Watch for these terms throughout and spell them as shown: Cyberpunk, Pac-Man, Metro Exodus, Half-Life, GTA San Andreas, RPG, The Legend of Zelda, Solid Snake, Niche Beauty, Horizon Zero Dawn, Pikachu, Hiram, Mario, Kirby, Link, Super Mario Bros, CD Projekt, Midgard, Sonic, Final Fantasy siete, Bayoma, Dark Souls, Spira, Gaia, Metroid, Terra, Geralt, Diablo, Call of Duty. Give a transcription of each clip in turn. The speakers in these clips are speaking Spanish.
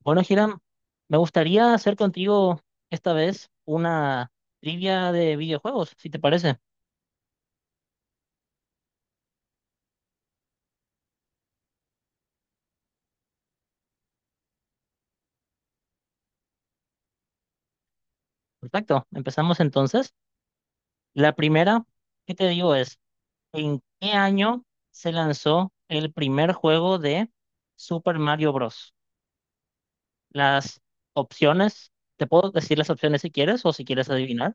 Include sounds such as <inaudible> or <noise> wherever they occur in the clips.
Bueno, Hiram, me gustaría hacer contigo esta vez una trivia de videojuegos, si te parece. Perfecto, empezamos entonces. La primera que te digo es, ¿en qué año se lanzó el primer juego de Super Mario Bros? Las opciones, te puedo decir las opciones si quieres o si quieres adivinar.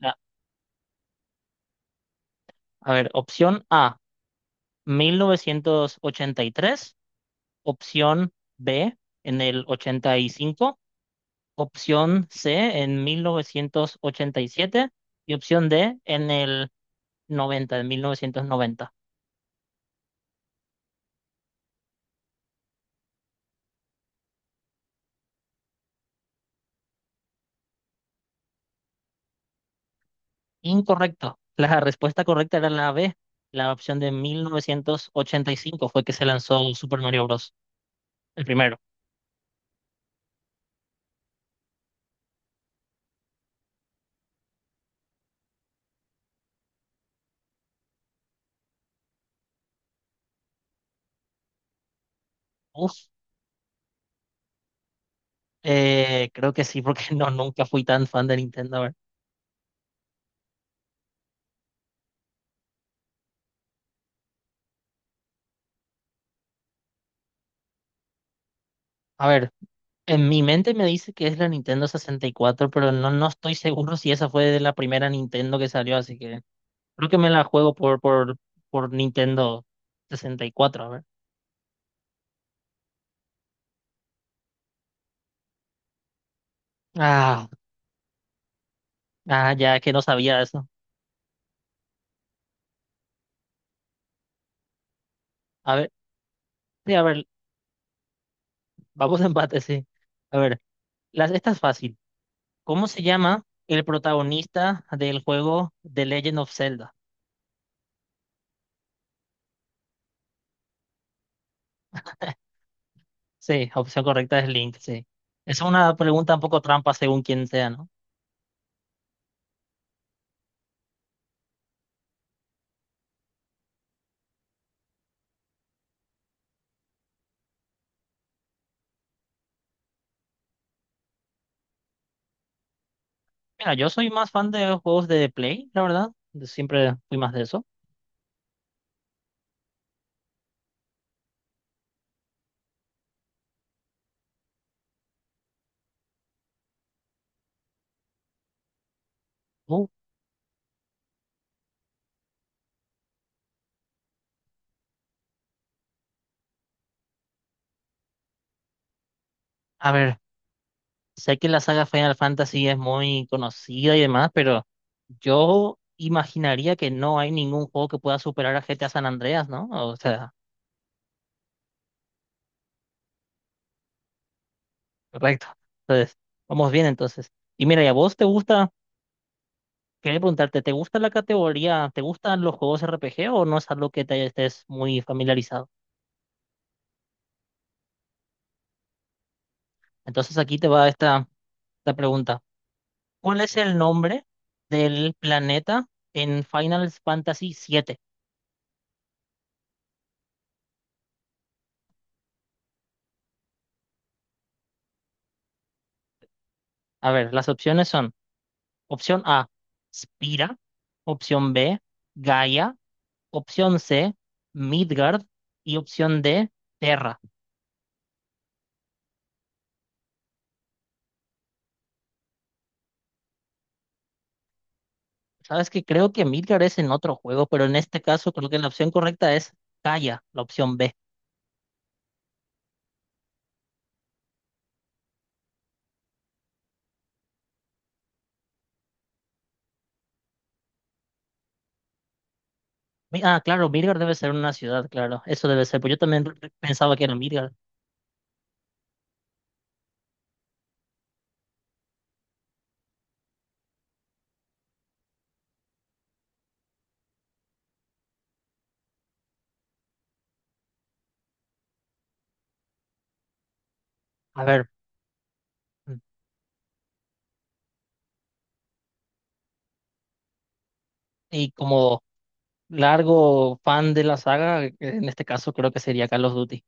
La- a ver, opción A, 1983. Opción B, en el 85. Opción C en mil novecientos ochenta y siete y opción D en el noventa, en mil novecientos noventa. Incorrecto. La respuesta correcta era la B. La opción de 1985 fue que se lanzó Super Mario Bros. El primero. Uf, Creo que sí, porque <laughs> no, nunca fui tan fan de Nintendo. A ver, en mi mente me dice que es la Nintendo sesenta y cuatro, pero no, no estoy seguro si esa fue de la primera Nintendo que salió, así que creo que me la juego por Nintendo 64, a ver. Ah, ah, ya que no sabía eso. A ver, sí, a ver, vamos <laughs> a empate, sí. A ver, esta es fácil. ¿Cómo se llama el protagonista del juego The Legend of Zelda? Sí, opción correcta es Link, sí. Es una pregunta un poco trampa según quien sea, ¿no? Mira, yo soy más fan de juegos de Play, la verdad. Siempre fui más de eso. Uh, a ver. Sé que la saga Final Fantasy es muy conocida y demás, pero yo imaginaría que no hay ningún juego que pueda superar a GTA San Andreas, ¿no? O sea, correcto. Entonces, vamos bien entonces. Y mira, ¿y a vos te gusta? Quería preguntarte, ¿te gusta la categoría? ¿Te gustan los juegos RPG o no es algo que te estés muy familiarizado? Entonces aquí te va esta pregunta. ¿Cuál es el nombre del planeta en Final Fantasy siete? A ver, las opciones son: opción A, Spira. Opción B, Gaia. Opción C, Midgard. Y opción D, Terra. Sabes que creo que Midgard es en otro juego, pero en este caso creo que la opción correcta es Gaia, la opción B. Ah, claro, Midgard debe ser una ciudad, claro, eso debe ser, pues yo también pensaba que era Midgard. A ver, mm, y como largo fan de la saga, en este caso creo que sería Call of Duty.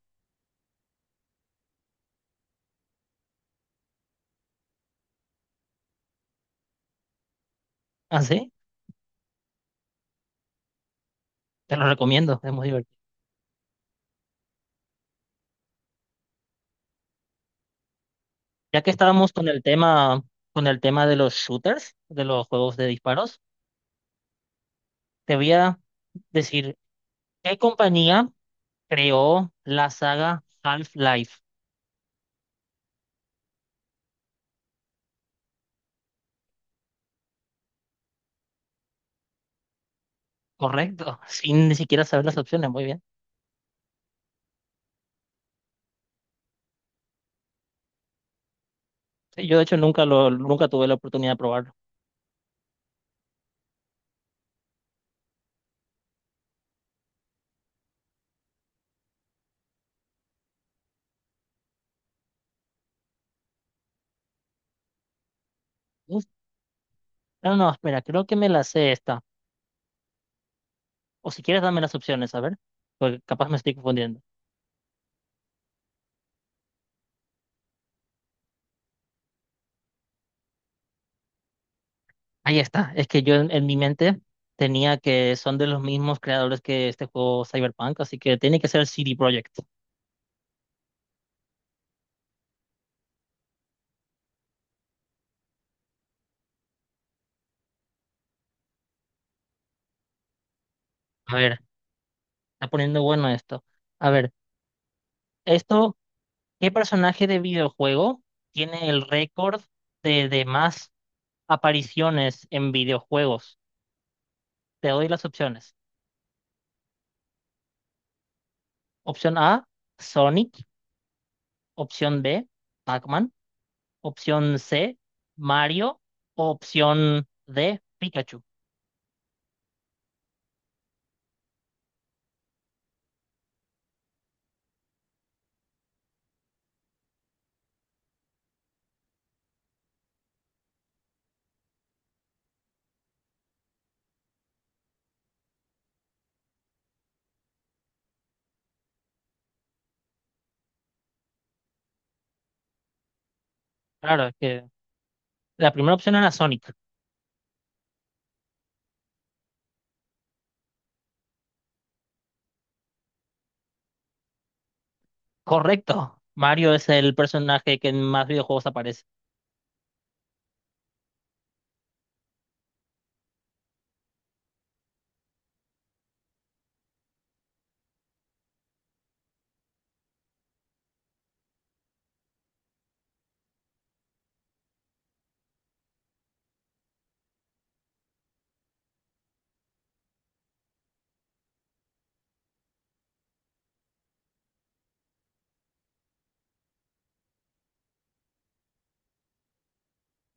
Ah, sí, te lo recomiendo, es muy divertido. Ya que estábamos con el tema de los shooters, de los juegos de disparos, te voy a decir, ¿qué compañía creó la saga Half-Life? Correcto, <laughs> sin ni siquiera saber las opciones, muy bien. Sí, yo de hecho nunca tuve la oportunidad de probarlo. Uf, no, no, espera, creo que me la sé esta. O si quieres dame las opciones, a ver, porque capaz me estoy confundiendo. Ahí está, es que yo en mi mente tenía que son de los mismos creadores que este juego Cyberpunk, así que tiene que ser CD Projekt. A ver, está poniendo bueno esto. A ver, esto, ¿qué personaje de videojuego tiene el récord de más apariciones en videojuegos? Te doy las opciones. Opción A, Sonic. Opción B, Pac-Man. Opción C, Mario. Opción D, Pikachu. Claro, es que la primera opción era Sonic. Correcto. Mario es el personaje que en más videojuegos aparece.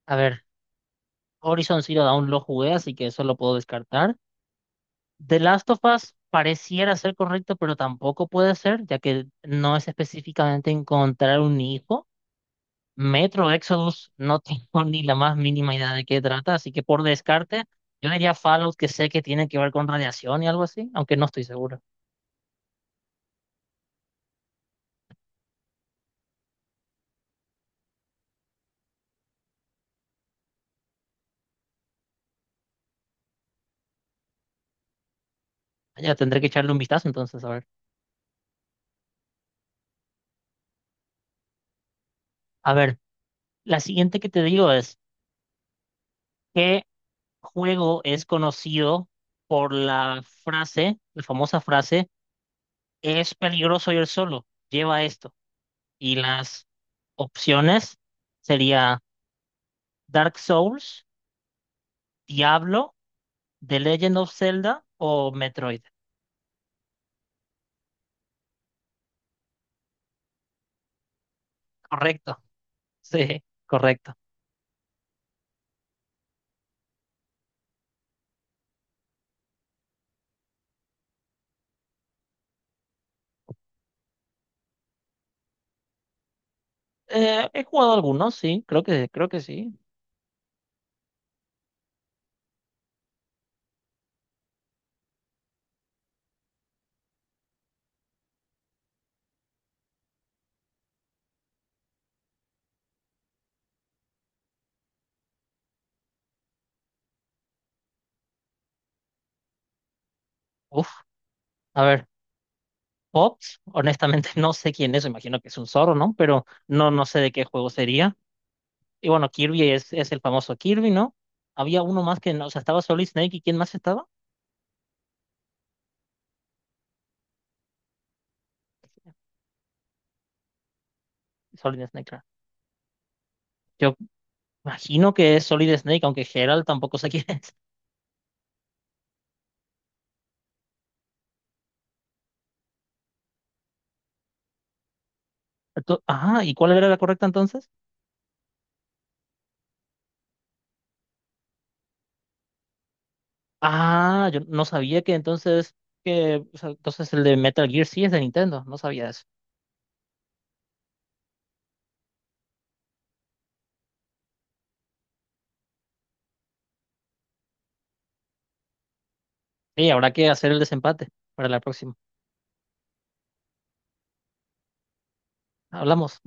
A ver, Horizon Zero Dawn lo jugué, así que eso lo puedo descartar. The Last of Us pareciera ser correcto, pero tampoco puede ser, ya que no es específicamente encontrar un hijo. Metro Exodus no tengo <laughs> ni la más mínima idea de qué trata, así que por descarte, yo diría Fallout, que sé que tiene que ver con radiación y algo así, aunque no estoy seguro. Ya tendré que echarle un vistazo entonces, a ver. A ver, la siguiente que te digo es, ¿qué juego es conocido por la frase, la famosa frase, es peligroso ir solo, lleva esto? Y las opciones sería Dark Souls, Diablo, The Legend of Zelda o Metroid. Correcto, sí, correcto. He jugado algunos, sí, creo que sí. Uf, a ver, Pop, honestamente <laughs> no sé quién es, imagino que es un zorro, ¿no? Pero no, no sé de qué juego sería. Y bueno, Kirby es el famoso Kirby, ¿no? Había uno más que no, o sea, estaba Solid Snake y ¿quién más estaba? Solid Snake, claro. Yo imagino que es Solid Snake, aunque Geralt tampoco sé <laughs> quién es. Ajá, ¿y cuál era la correcta entonces? Ah, yo no sabía que entonces, que, o sea, entonces el de Metal Gear sí es de Nintendo, no sabía eso. Sí, habrá que hacer el desempate para la próxima. Hablamos.